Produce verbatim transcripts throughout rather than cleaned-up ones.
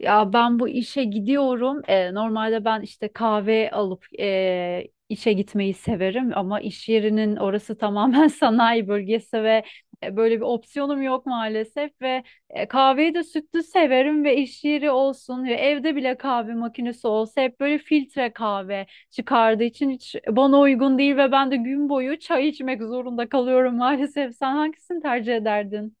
Ya ben bu işe gidiyorum. Eee, normalde ben işte kahve alıp eee, işe gitmeyi severim ama iş yerinin orası tamamen sanayi bölgesi ve e, böyle bir opsiyonum yok maalesef, ve e, kahveyi de sütlü severim ve iş yeri olsun ve evde bile kahve makinesi olsa hep böyle filtre kahve çıkardığı için hiç bana uygun değil ve ben de gün boyu çay içmek zorunda kalıyorum maalesef. Sen hangisini tercih ederdin?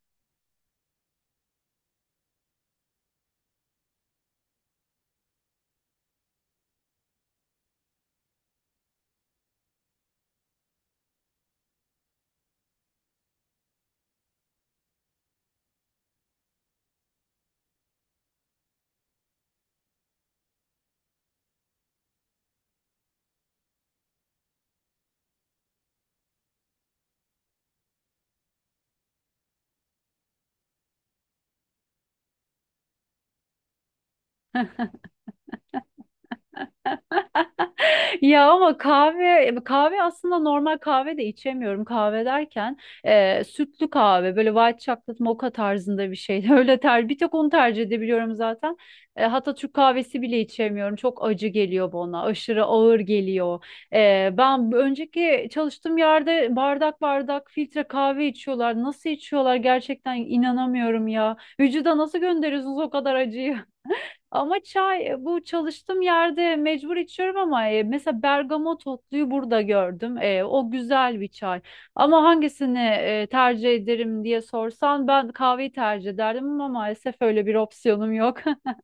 Ya ama kahve kahve aslında normal kahve de içemiyorum. Kahve derken e, sütlü kahve, böyle white chocolate mocha tarzında bir şey. Öyle ter bir tek onu tercih edebiliyorum zaten. E, hatta Türk kahvesi bile içemiyorum. Çok acı geliyor bana. Aşırı ağır geliyor. E, ben bu önceki çalıştığım yerde bardak bardak filtre kahve içiyorlar. Nasıl içiyorlar gerçekten inanamıyorum ya. Vücuda nasıl gönderiyorsunuz o kadar acıyı? Ama çay, e, bu çalıştığım yerde mecbur içiyorum ama e, mesela bergamot otluyu burada gördüm. E, o güzel bir çay. Ama hangisini e, tercih ederim diye sorsan ben kahveyi tercih ederdim ama maalesef öyle bir opsiyonum yok.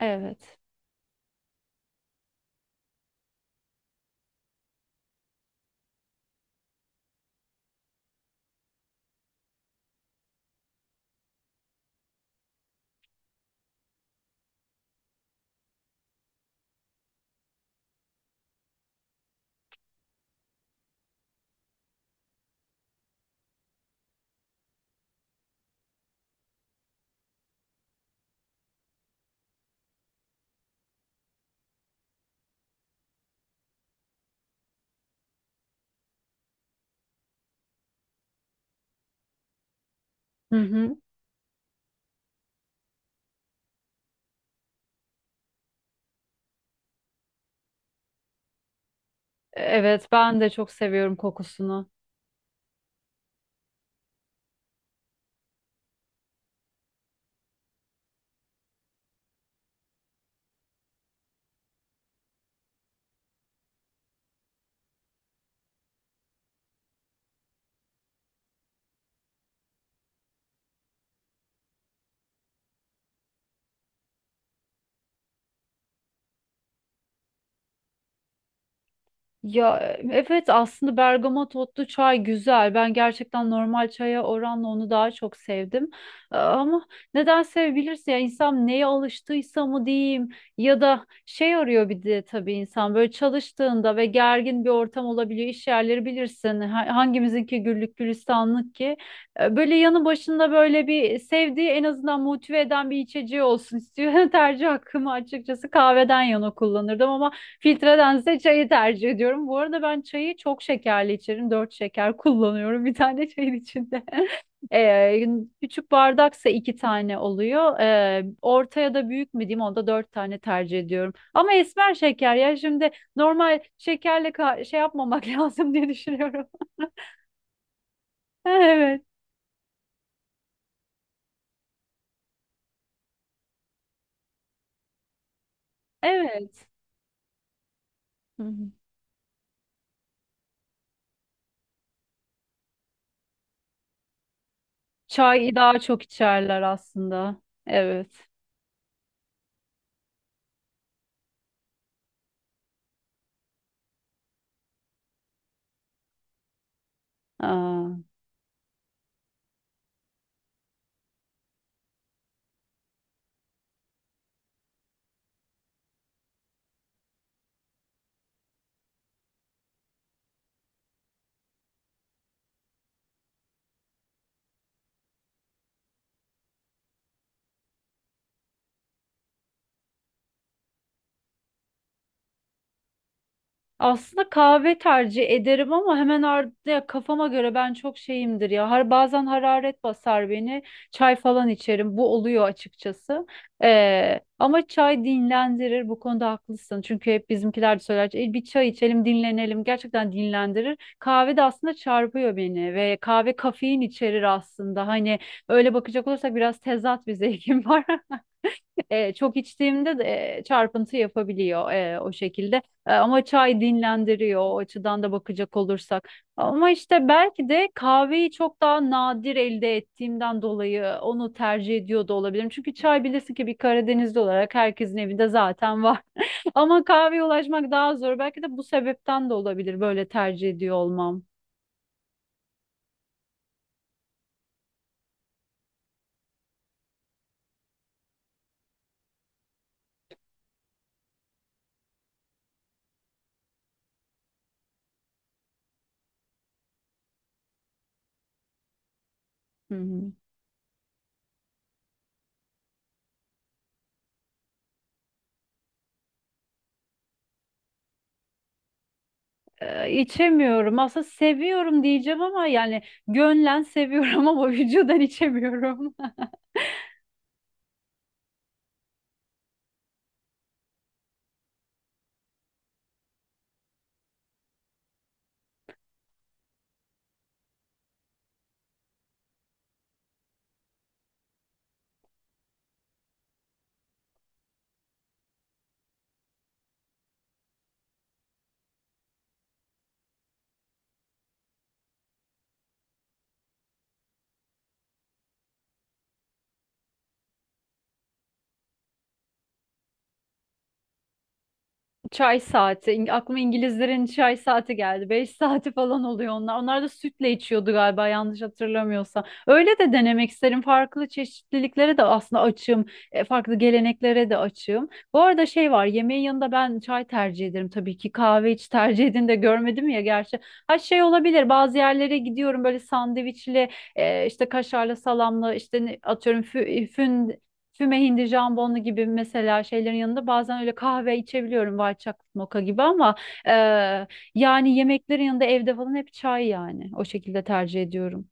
Evet. Hı hı. E, Evet, ben de çok seviyorum kokusunu. Ya evet, aslında bergama totlu çay güzel. Ben gerçekten normal çaya oranla onu daha çok sevdim. Ee, Ama neden sevebilirsin, ya insan neye alıştıysa mı diyeyim ya da şey arıyor, bir de tabii insan böyle çalıştığında ve gergin bir ortam olabiliyor. İş yerleri bilirsin, Ha- hangimizinki güllük gülistanlık ki. Ee, Böyle yanı başında böyle bir sevdiği, en azından motive eden bir içeceği olsun istiyor. Tercih hakkımı açıkçası kahveden yana kullanırdım ama filtredense çayı tercih ediyorum. Bu arada ben çayı çok şekerli içerim. Dört şeker kullanıyorum bir tane çayın içinde. Ee, Küçük bardaksa iki tane oluyor. Ee, ortaya da büyük mü diyeyim, onda dört tane tercih ediyorum. Ama esmer şeker ya şimdi, normal şekerle ka- şey yapmamak lazım diye düşünüyorum. Evet, evet. Hı hı. Çay daha çok içerler aslında. Evet. Aa. Aslında kahve tercih ederim ama hemen ar- ya kafama göre ben çok şeyimdir ya. Har bazen hararet basar beni. Çay falan içerim. Bu oluyor açıkçası. Ee, ama çay dinlendirir, bu konuda haklısın. Çünkü hep bizimkiler de söyler: "E, Bir çay içelim, dinlenelim." Gerçekten dinlendirir. Kahve de aslında çarpıyor beni ve kahve kafein içerir aslında. Hani öyle bakacak olursak biraz tezat bir zevkim var. E, çok içtiğimde de e, çarpıntı yapabiliyor e, o şekilde. E, ama çay dinlendiriyor, o açıdan da bakacak olursak. Ama işte belki de kahveyi çok daha nadir elde ettiğimden dolayı onu tercih ediyor da olabilirim. Çünkü çay bilirsin ki bir Karadenizli olarak herkesin evinde zaten var. Ama kahveye ulaşmak daha zor. Belki de bu sebepten de olabilir böyle tercih ediyor olmam. Hı hı. E, içemiyorum. Aslında seviyorum diyeceğim ama yani gönlen seviyorum ama vücudan içemiyorum. Çay saati. İng- Aklıma İngilizlerin çay saati geldi. Beş saati falan oluyor onlar. Onlar da sütle içiyordu galiba, yanlış hatırlamıyorsam. Öyle de denemek isterim. Farklı çeşitliliklere de aslında açığım. E, Farklı geleneklere de açığım. Bu arada şey var, yemeğin yanında ben çay tercih ederim tabii ki. Kahve hiç tercih edin de görmedim ya gerçi. Ha şey olabilir, bazı yerlere gidiyorum böyle sandviçli, e, işte kaşarlı, salamlı, işte ne- atıyorum fü- fün füme hindi jambonlu gibi mesela şeylerin yanında bazen öyle kahve içebiliyorum, white chocolate mocha gibi, ama e, yani yemeklerin yanında evde falan hep çay yani. O şekilde tercih ediyorum.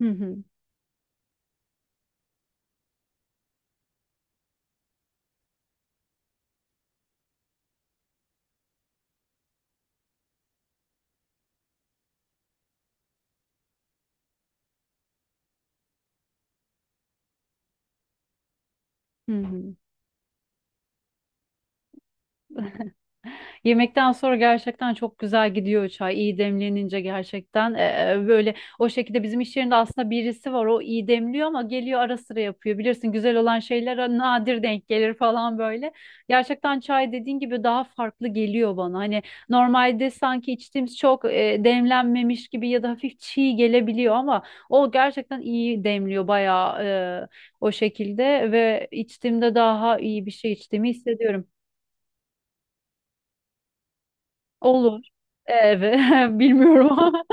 Hı hı. Hı hı. Yemekten sonra gerçekten çok güzel gidiyor çay. İyi demlenince gerçekten, e, böyle o şekilde bizim iş yerinde aslında birisi var. O iyi demliyor ama geliyor ara sıra yapıyor. Bilirsin, güzel olan şeyler nadir denk gelir falan böyle. Gerçekten çay dediğin gibi daha farklı geliyor bana. Hani normalde sanki içtiğimiz çok e, demlenmemiş gibi ya da hafif çiğ gelebiliyor ama o gerçekten iyi demliyor bayağı e, o şekilde, ve içtiğimde daha iyi bir şey içtiğimi hissediyorum. Olur. Evet. Bilmiyorum ama.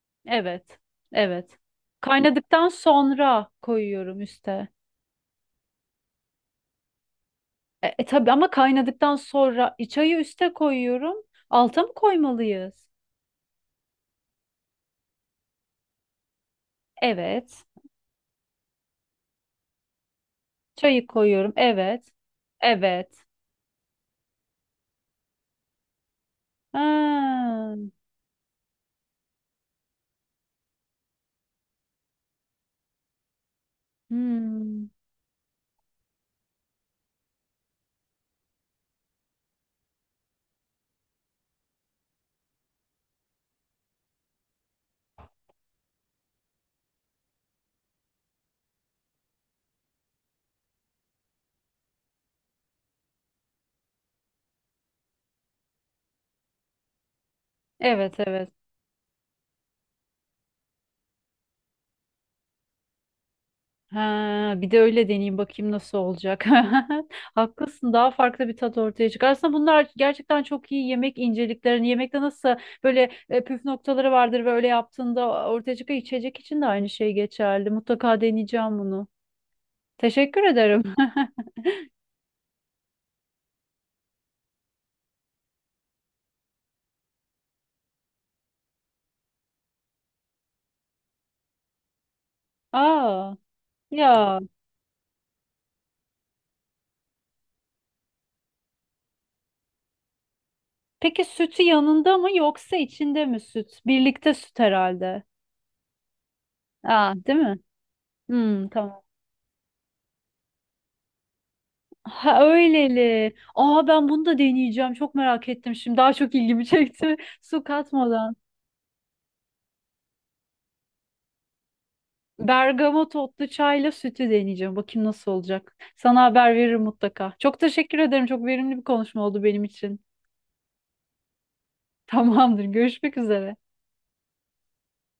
Evet. Evet. Kaynadıktan sonra koyuyorum üste. E, e, tabii, ama kaynadıktan sonra e, çayı üste koyuyorum. Alta mı koymalıyız? Evet. Çayı koyuyorum. Evet. Evet. Ha. Hmm. Evet, evet. Ha, bir de öyle deneyeyim bakayım nasıl olacak. Haklısın, daha farklı bir tat ortaya çıkar. Aslında bunlar gerçekten çok iyi, yemek inceliklerini. Yemekte nasıl böyle e, püf noktaları vardır ve öyle yaptığında ortaya çıkan içecek için de aynı şey geçerli. Mutlaka deneyeceğim bunu. Teşekkür ederim. Aa, ya peki sütü yanında mı yoksa içinde mi süt? Birlikte süt herhalde. Aa, değil mi? Hmm, tamam. Ha öyleli. Aa, ben bunu da deneyeceğim. Çok merak ettim şimdi. Daha çok ilgimi çekti. Su katmadan. Bergamot otlu çayla sütü deneyeceğim. Bakayım nasıl olacak. Sana haber veririm mutlaka. Çok teşekkür ederim. Çok verimli bir konuşma oldu benim için. Tamamdır. Görüşmek üzere.